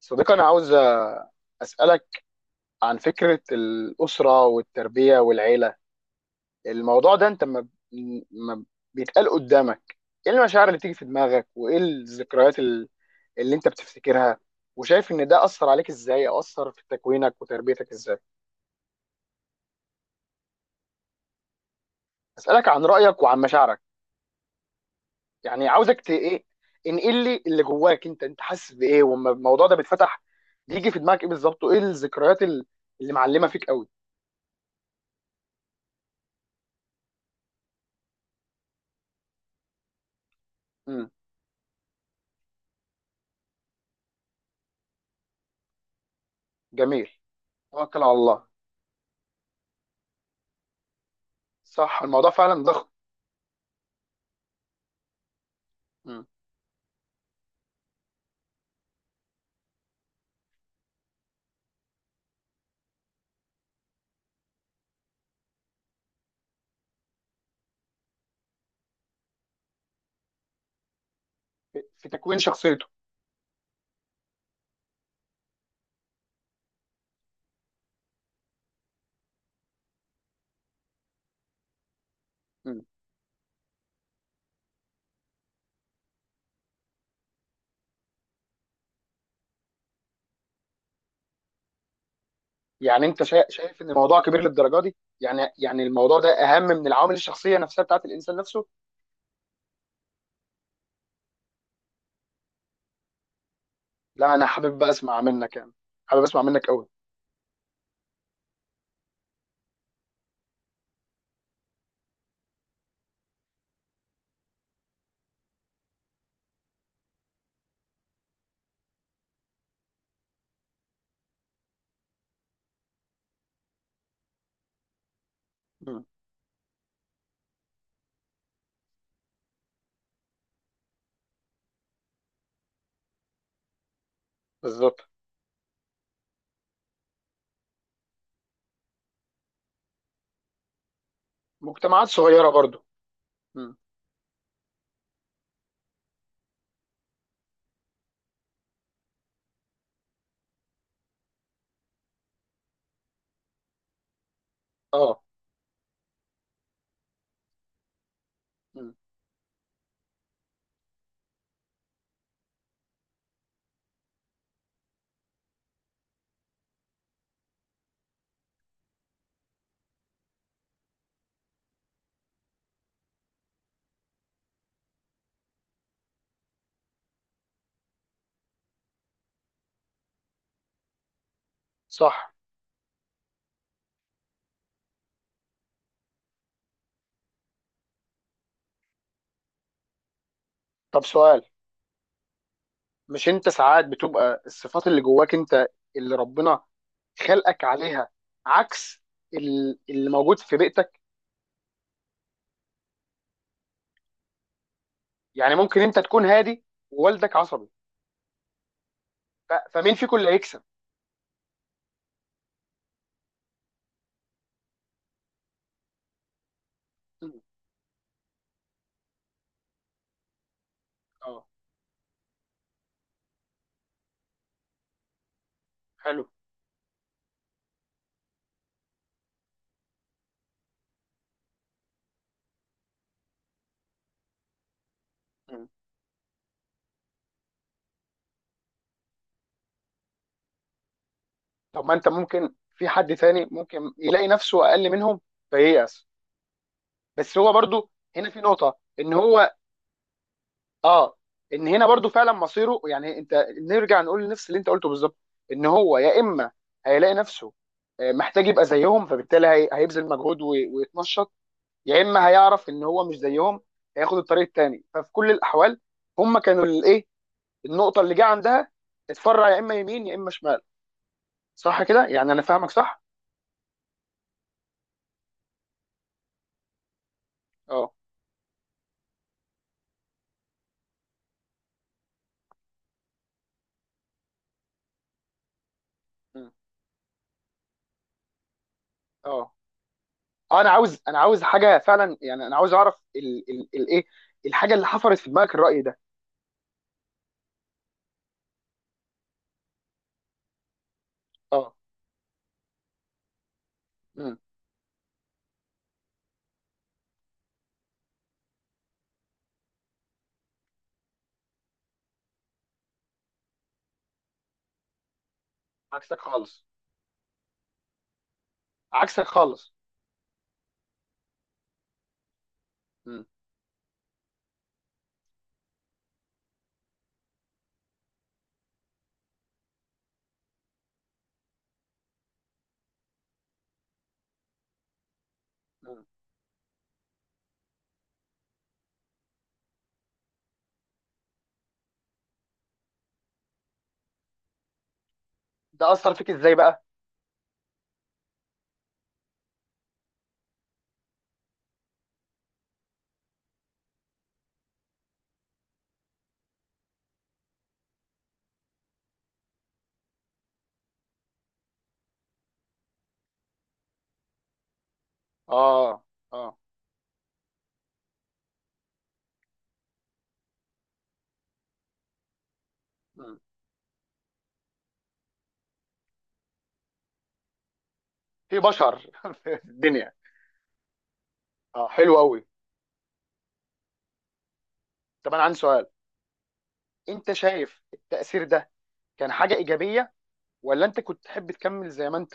صديقي، أنا عاوز أسألك عن فكرة الأسرة والتربية والعيلة. الموضوع ده أنت ما بيتقال قدامك، إيه المشاعر اللي تيجي في دماغك وإيه الذكريات اللي أنت بتفتكرها، وشايف إن ده أثر عليك إزاي، أو أثر في تكوينك وتربيتك إزاي؟ أسألك عن رأيك وعن مشاعرك. يعني عاوزك إيه، انقل لي اللي جواك. أنت حاسس بإيه وما الموضوع ده بيتفتح، بيجي في دماغك إيه بالظبط، وإيه الذكريات اللي معلمة فيك قوي؟ امم. جميل، توكل على الله. صح، الموضوع فعلا ضخم. مم. في تكوين شخصيته. مم. يعني انت شايف ان الموضوع كبير للدرجه دي؟ يعني الموضوع ده اهم من العوامل الشخصيه نفسها بتاعت الانسان نفسه؟ لا، انا حابب بقى اسمع منك يعني، حابب اسمع منك قوي. مم. بالظبط. مجتمعات صغيره برضو. مم. اه. مم. صح. طب سؤال، مش انت ساعات بتبقى الصفات اللي جواك انت، اللي ربنا خلقك عليها، عكس اللي موجود في بيئتك؟ يعني ممكن انت تكون هادي ووالدك عصبي، فمين فيكم اللي هيكسب؟ مم. اه. حلو. مم. طب، ما انت ممكن في حد تاني ممكن يلاقي نفسه اقل منهم فييأس، بس هو برضو هنا في نقطة ان هو اه، ان هنا برضو فعلا مصيره. يعني انت نرجع نقول نفس اللي انت قلته بالظبط، ان هو يا اما هيلاقي نفسه محتاج يبقى زيهم، فبالتالي هيبذل مجهود ويتنشط، يا اما هيعرف ان هو مش زيهم هياخد الطريق التاني. ففي كل الاحوال هم كانوا الايه، النقطة اللي جه عندها اتفرع يا اما يمين يا اما شمال. صح كده؟ يعني انا فاهمك صح؟ اه. مم. اه. انا عاوز حاجه فعلا، يعني انا عاوز اعرف ال الايه، الحاجه اللي حفرت في دماغك الراي ده. اه. مم. عكسك خالص. عكسك خالص. مم. مم. ده اثر فيك ازاي بقى؟ اه. اه. مم. في بشر في الدنيا. اه، حلو قوي. طب انا عندي سؤال، انت شايف التاثير ده كان حاجه ايجابيه، ولا انت كنت تحب تكمل زي ما انت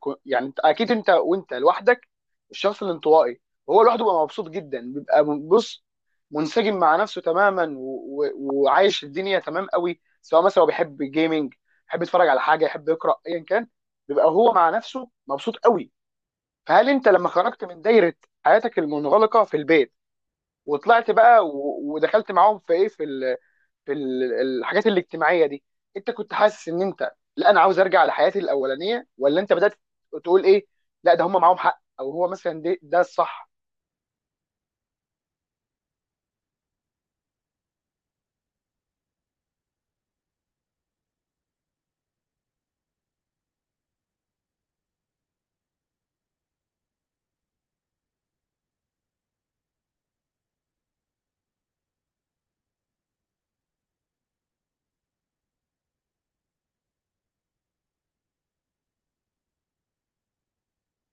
يعني؟ انت اكيد، انت وانت لوحدك الشخص الانطوائي هو لوحده بيبقى مبسوط جدا، بيبقى بص، منسجم مع نفسه تماما، وعايش الدنيا تمام قوي. سواء مثلا هو بيحب جيمنج، يحب يتفرج على حاجه، يحب يقرا، ايا كان، بيبقى هو مع نفسه مبسوط قوي. فهل انت لما خرجت من دايره حياتك المنغلقه في البيت وطلعت بقى ودخلت معاهم في ايه، في في الحاجات الاجتماعيه دي، انت كنت حاسس ان انت، لا انا عاوز ارجع لحياتي الاولانيه؟ ولا انت بدات تقول ايه، لا ده هم معاهم حق، او هو مثلا ده ده الصح؟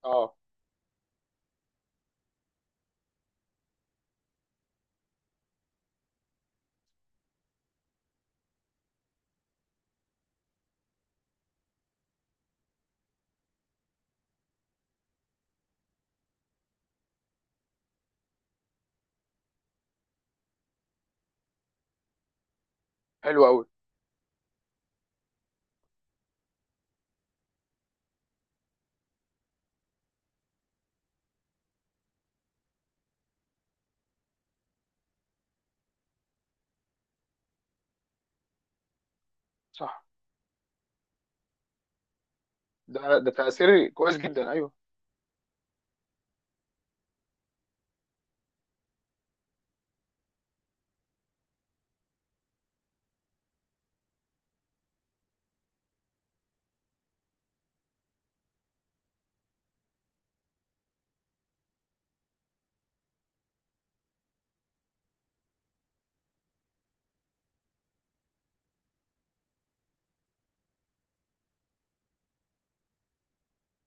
اه، حلو قوي. صح. ده تاثير كويس جدا ايوه.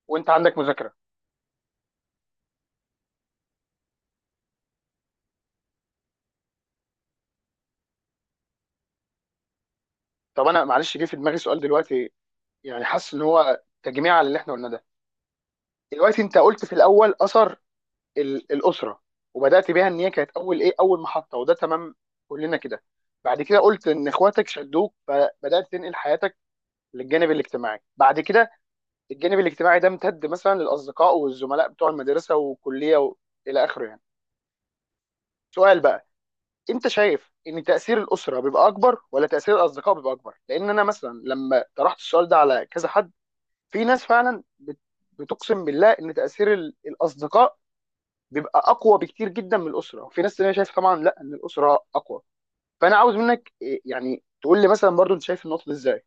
وانت عندك مذاكره. طب انا معلش جه في دماغي سؤال دلوقتي، يعني حاسس ان هو تجميع على اللي احنا قلناه ده. دلوقتي انت قلت في الاول، اثر الاسره، وبدات بيها ان هي كانت اول ايه، اول محطه، وده تمام، كلنا كده. بعد كده قلت ان اخواتك شدوك، فبدات تنقل حياتك للجانب الاجتماعي بعد كده. الجانب الاجتماعي ده امتد مثلا للاصدقاء والزملاء بتوع المدرسه والكليه الى اخره يعني. سؤال بقى، انت شايف ان تاثير الاسره بيبقى اكبر، ولا تاثير الاصدقاء بيبقى اكبر؟ لان انا مثلا لما طرحت السؤال ده على كذا حد، في ناس فعلا بتقسم بالله ان تاثير الاصدقاء بيبقى اقوى بكتير جدا من الاسره، وفي ناس تانية شايفه طبعا لا، ان الاسره اقوى. فانا عاوز منك يعني تقول لي مثلا برضو انت شايف النقطه دي ازاي.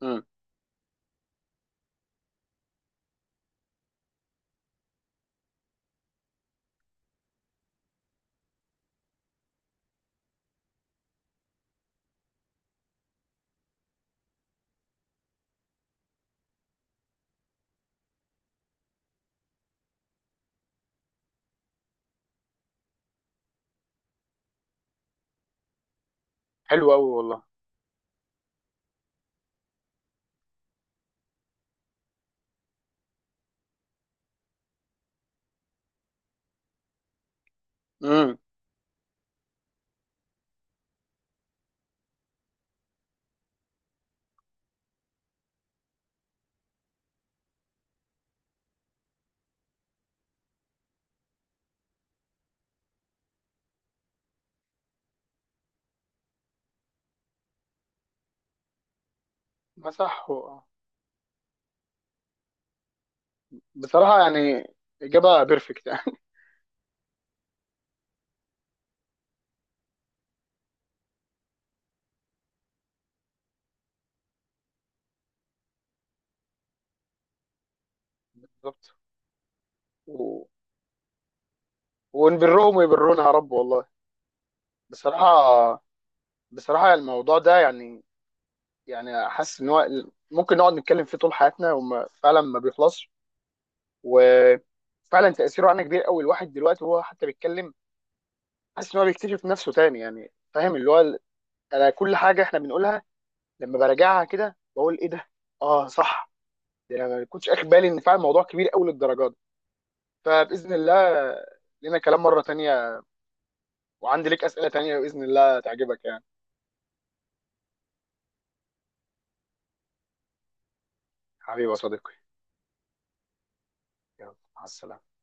امم. حلو قوي والله. امم. ما صح. بصراحة، يعني إجابة بيرفكت يعني. بالظبط. و... ونبرهم ويبرونا يا رب والله. بصراحة، بصراحة الموضوع ده يعني، يعني حاسس إن هو ممكن نقعد نتكلم فيه طول حياتنا، وما فعلا ما بيخلصش. وفعلا تأثيره علينا كبير قوي. الواحد دلوقتي وهو حتى بيتكلم حاسس إن هو بيكتشف نفسه تاني يعني. فاهم، اللي هو أنا كل حاجة إحنا بنقولها لما براجعها كده بقول إيه ده؟ آه صح، ده أنا ما كنتش أخد بالي إن فعلا الموضوع كبير قوي للدرجة دي. فبإذن الله لنا كلام مرة تانية، وعندي ليك اسئله تانيه باذن الله تعجبك يعني. حبيبي يا صديقي. يلا، مع السلامه.